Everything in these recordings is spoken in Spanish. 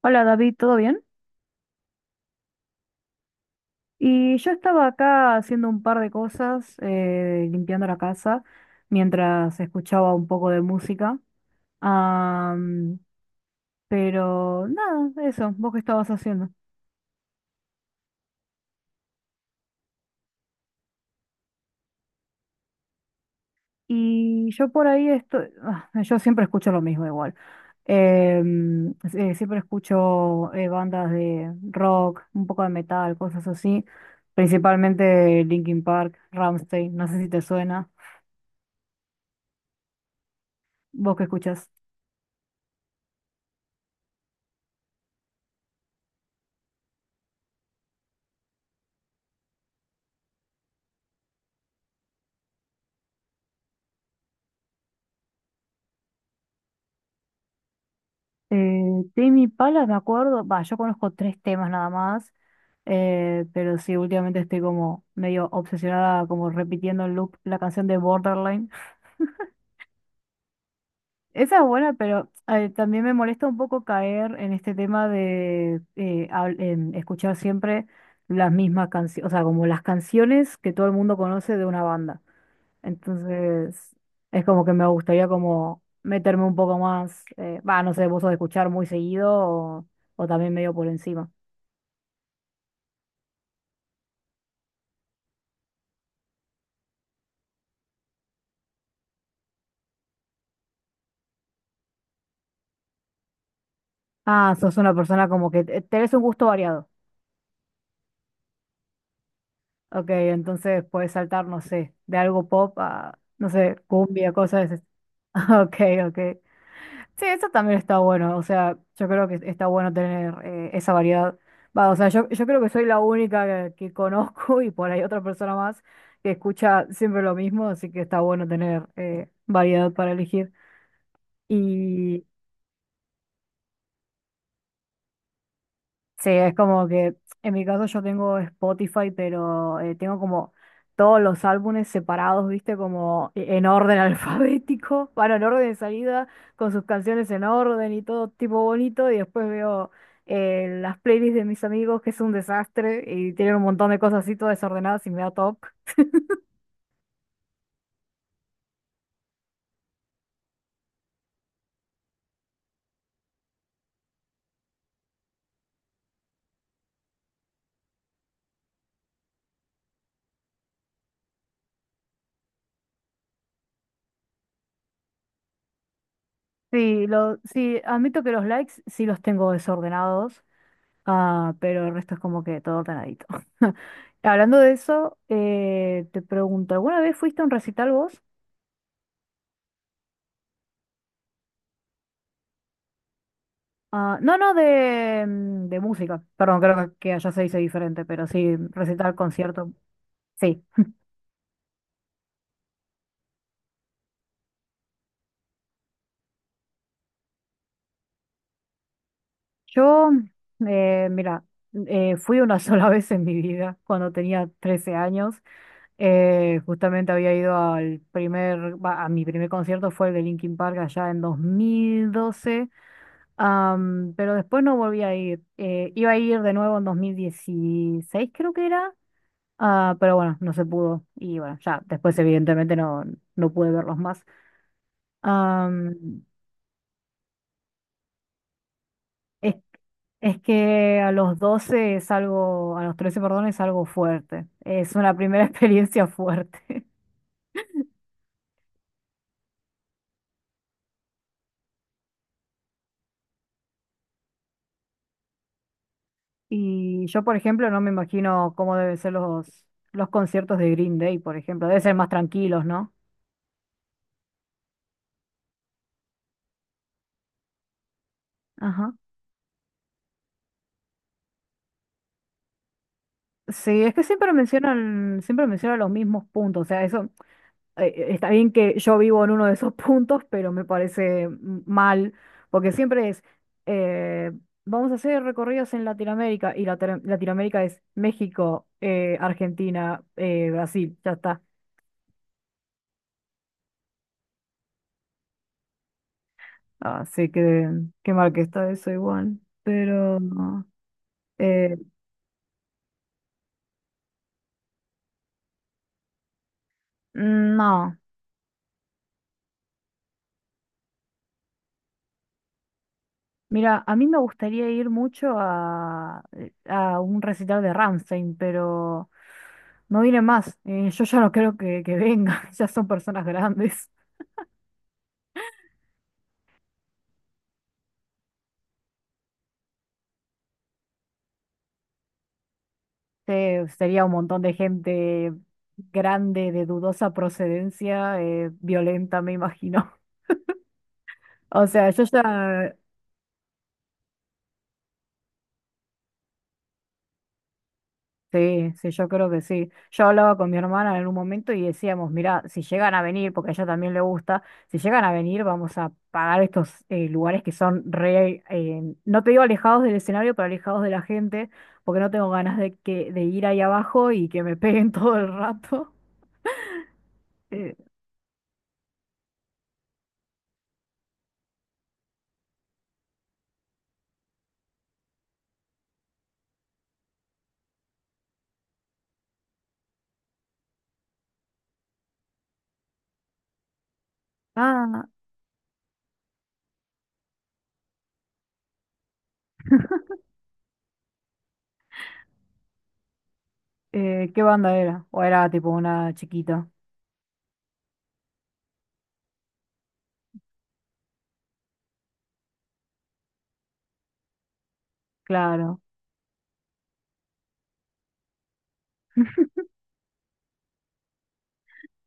Hola David, ¿todo bien? Y yo estaba acá haciendo un par de cosas, limpiando la casa, mientras escuchaba un poco de música. Am, pero nada, eso, vos qué estabas haciendo. Y yo por ahí estoy, yo siempre escucho lo mismo igual. Siempre escucho bandas de rock, un poco de metal, cosas así. Principalmente Linkin Park, Rammstein, no sé si te suena. ¿Vos qué escuchás? Tame Pala, me acuerdo, va, yo conozco tres temas nada más, pero sí, últimamente estoy como medio obsesionada, como repitiendo en loop la canción de Borderline. Esa es buena, pero también me molesta un poco caer en este tema de escuchar siempre las mismas canciones, o sea, como las canciones que todo el mundo conoce de una banda. Entonces, es como que me gustaría como meterme un poco más, va, no sé, vos sos de escuchar muy seguido o también medio por encima. Ah, sos una persona como que tenés un gusto variado. Ok, entonces puedes saltar, no sé, de algo pop a, no sé, cumbia, cosas de ese- Ok, ok. Sí, eso también está bueno. O sea, yo creo que está bueno tener esa variedad. Va, o sea, yo creo que soy la única que conozco y por ahí otra persona más que escucha siempre lo mismo, así que está bueno tener variedad para elegir. y Sí, es como que en mi caso yo tengo Spotify, pero tengo como todos los álbumes separados, viste, como en orden alfabético, bueno, en orden de salida, con sus canciones en orden y todo tipo bonito, y después veo las playlists de mis amigos, que es un desastre, y tienen un montón de cosas así todas desordenadas y me da toc. Sí, sí, admito que los likes sí los tengo desordenados. Ah, pero el resto es como que todo ordenadito. Hablando de eso, te pregunto, ¿alguna vez fuiste a un recital vos? Ah, no, no, de, de música. Perdón, creo que allá se dice diferente, pero sí, recital, concierto. Sí. Yo, mira, fui una sola vez en mi vida, cuando tenía 13 años. Justamente había ido al primer, va, a mi primer concierto fue el de Linkin Park allá en 2012. Pero después no volví a ir. Iba a ir de nuevo en 2016, creo que era. Ah, pero bueno, no se pudo. Y bueno, ya después evidentemente no, no pude verlos más. Am, es, es que a los 12 es algo, a los 13 perdón, es algo fuerte. Es una primera experiencia fuerte. Y yo, por ejemplo, no me imagino cómo deben ser los conciertos de Green Day, por ejemplo. Deben ser más tranquilos, ¿no? Sí, es que siempre mencionan los mismos puntos. O sea, eso está bien que yo vivo en uno de esos puntos, pero me parece mal, porque siempre es, eh, vamos a hacer recorridos en Latinoamérica, y Latinoamérica es México, Argentina, Brasil, ya está. Así que qué mal que está eso igual. Pero eh, no. Mira, a mí me gustaría ir mucho a un recital de Rammstein, pero no viene más. Yo ya no creo que venga, ya son personas grandes. Sería un montón de gente grande, de dudosa procedencia, violenta, me imagino. O sea, yo ya. Sí, sí, yo creo que sí. Yo hablaba con mi hermana en un momento y decíamos, mira, si llegan a venir, porque a ella también le gusta, si llegan a venir vamos a pagar estos lugares que son re, no te digo alejados del escenario, pero alejados de la gente, porque no tengo ganas de, que, de ir ahí abajo y que me peguen todo el rato. Eh, ah, ¿Qué banda era? O era tipo una chiquita, claro.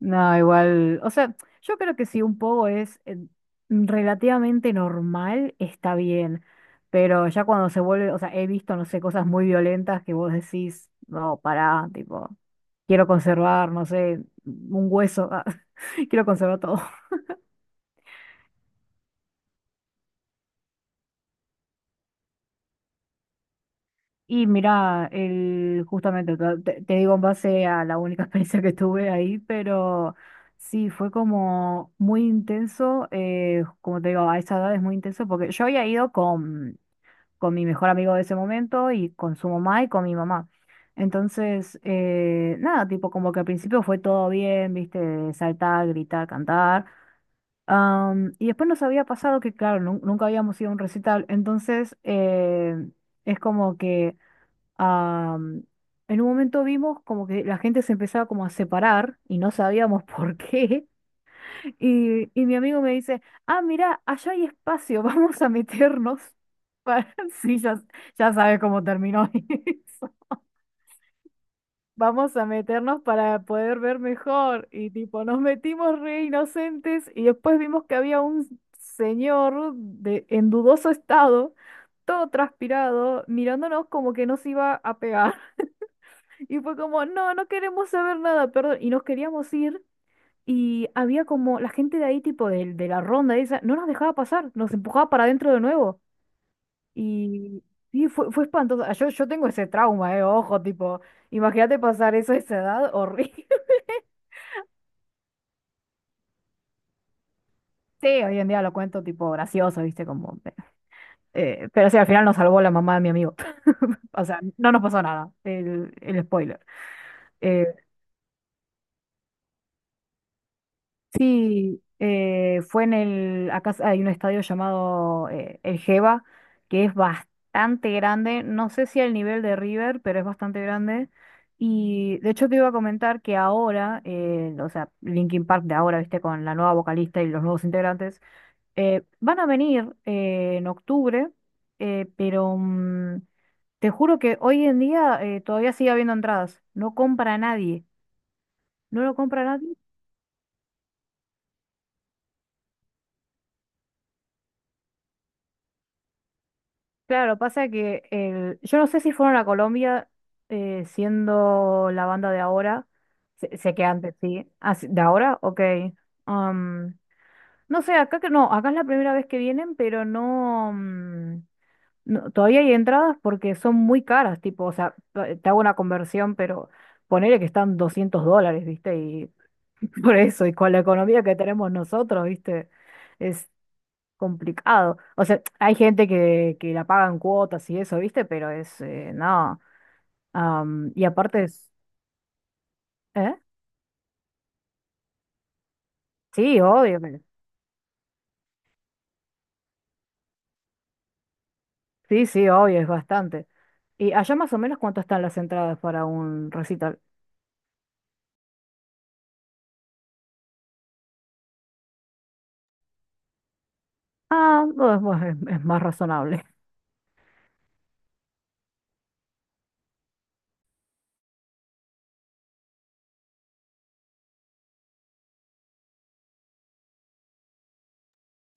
No, igual, o sea, yo creo que si un poco es relativamente normal, está bien, pero ya cuando se vuelve, o sea, he visto, no sé, cosas muy violentas que vos decís, no, pará, tipo, quiero conservar, no sé, un hueso, ah, quiero conservar todo. Y mira, el, justamente, te digo en base a la única experiencia que tuve ahí, pero sí, fue como muy intenso, como te digo, a esa edad es muy intenso, porque yo había ido con mi mejor amigo de ese momento y con su mamá y con mi mamá. Entonces, nada, tipo como que al principio fue todo bien, viste, saltar, gritar, cantar. Y después nos había pasado que, claro, nunca habíamos ido a un recital. Entonces, es como que am, en un momento vimos como que la gente se empezaba como a separar y no sabíamos por qué. Y mi amigo me dice, ah, mira, allá hay espacio, vamos a meternos para sí, ya, ya sabes cómo terminó eso. Vamos a meternos para poder ver mejor. Y tipo, nos metimos re inocentes y después vimos que había un señor de, en dudoso estado, todo transpirado, mirándonos como que nos iba a pegar. Y fue como, no, no queremos saber nada, perdón. Y nos queríamos ir. Y había como la gente de ahí, tipo de la ronda esa, no nos dejaba pasar, nos empujaba para adentro de nuevo. Y sí, fue espantoso. Ah, yo tengo ese trauma, ojo, tipo, imagínate pasar eso a esa edad, horrible. Sí, hoy en día lo cuento tipo gracioso, viste, como pero sí, al final nos salvó la mamá de mi amigo. O sea, no nos pasó nada, el spoiler. Eh, Sí, fue en el, acá hay un estadio llamado el Geva, que es bastante grande, no sé si al nivel de River, pero es bastante grande. Y de hecho te iba a comentar que ahora, o sea, Linkin Park de ahora, viste, con la nueva vocalista y los nuevos integrantes, van a venir en octubre, pero te juro que hoy en día todavía sigue habiendo entradas, no compra nadie, no lo compra nadie. Claro, pasa que el, yo no sé si fueron a Colombia siendo la banda de ahora. Sé, sé que antes, sí. Ah, sí, ¿de ahora? Ok. Am, no sé, acá que no, acá es la primera vez que vienen, pero no, no, todavía hay entradas porque son muy caras, tipo, o sea, te hago una conversión, pero ponele que están 200 dólares, ¿viste? Y por eso, y con la economía que tenemos nosotros, ¿viste? Complicado. O sea, hay gente que la pagan cuotas y eso, ¿viste? Pero es, no. Y aparte es, ¿eh? Sí, obvio. Pero sí, sí, obvio, es bastante. ¿Y allá más o menos cuánto están las entradas para un recital? Ah, no, es más razonable.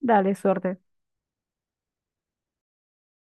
Dale, suerte.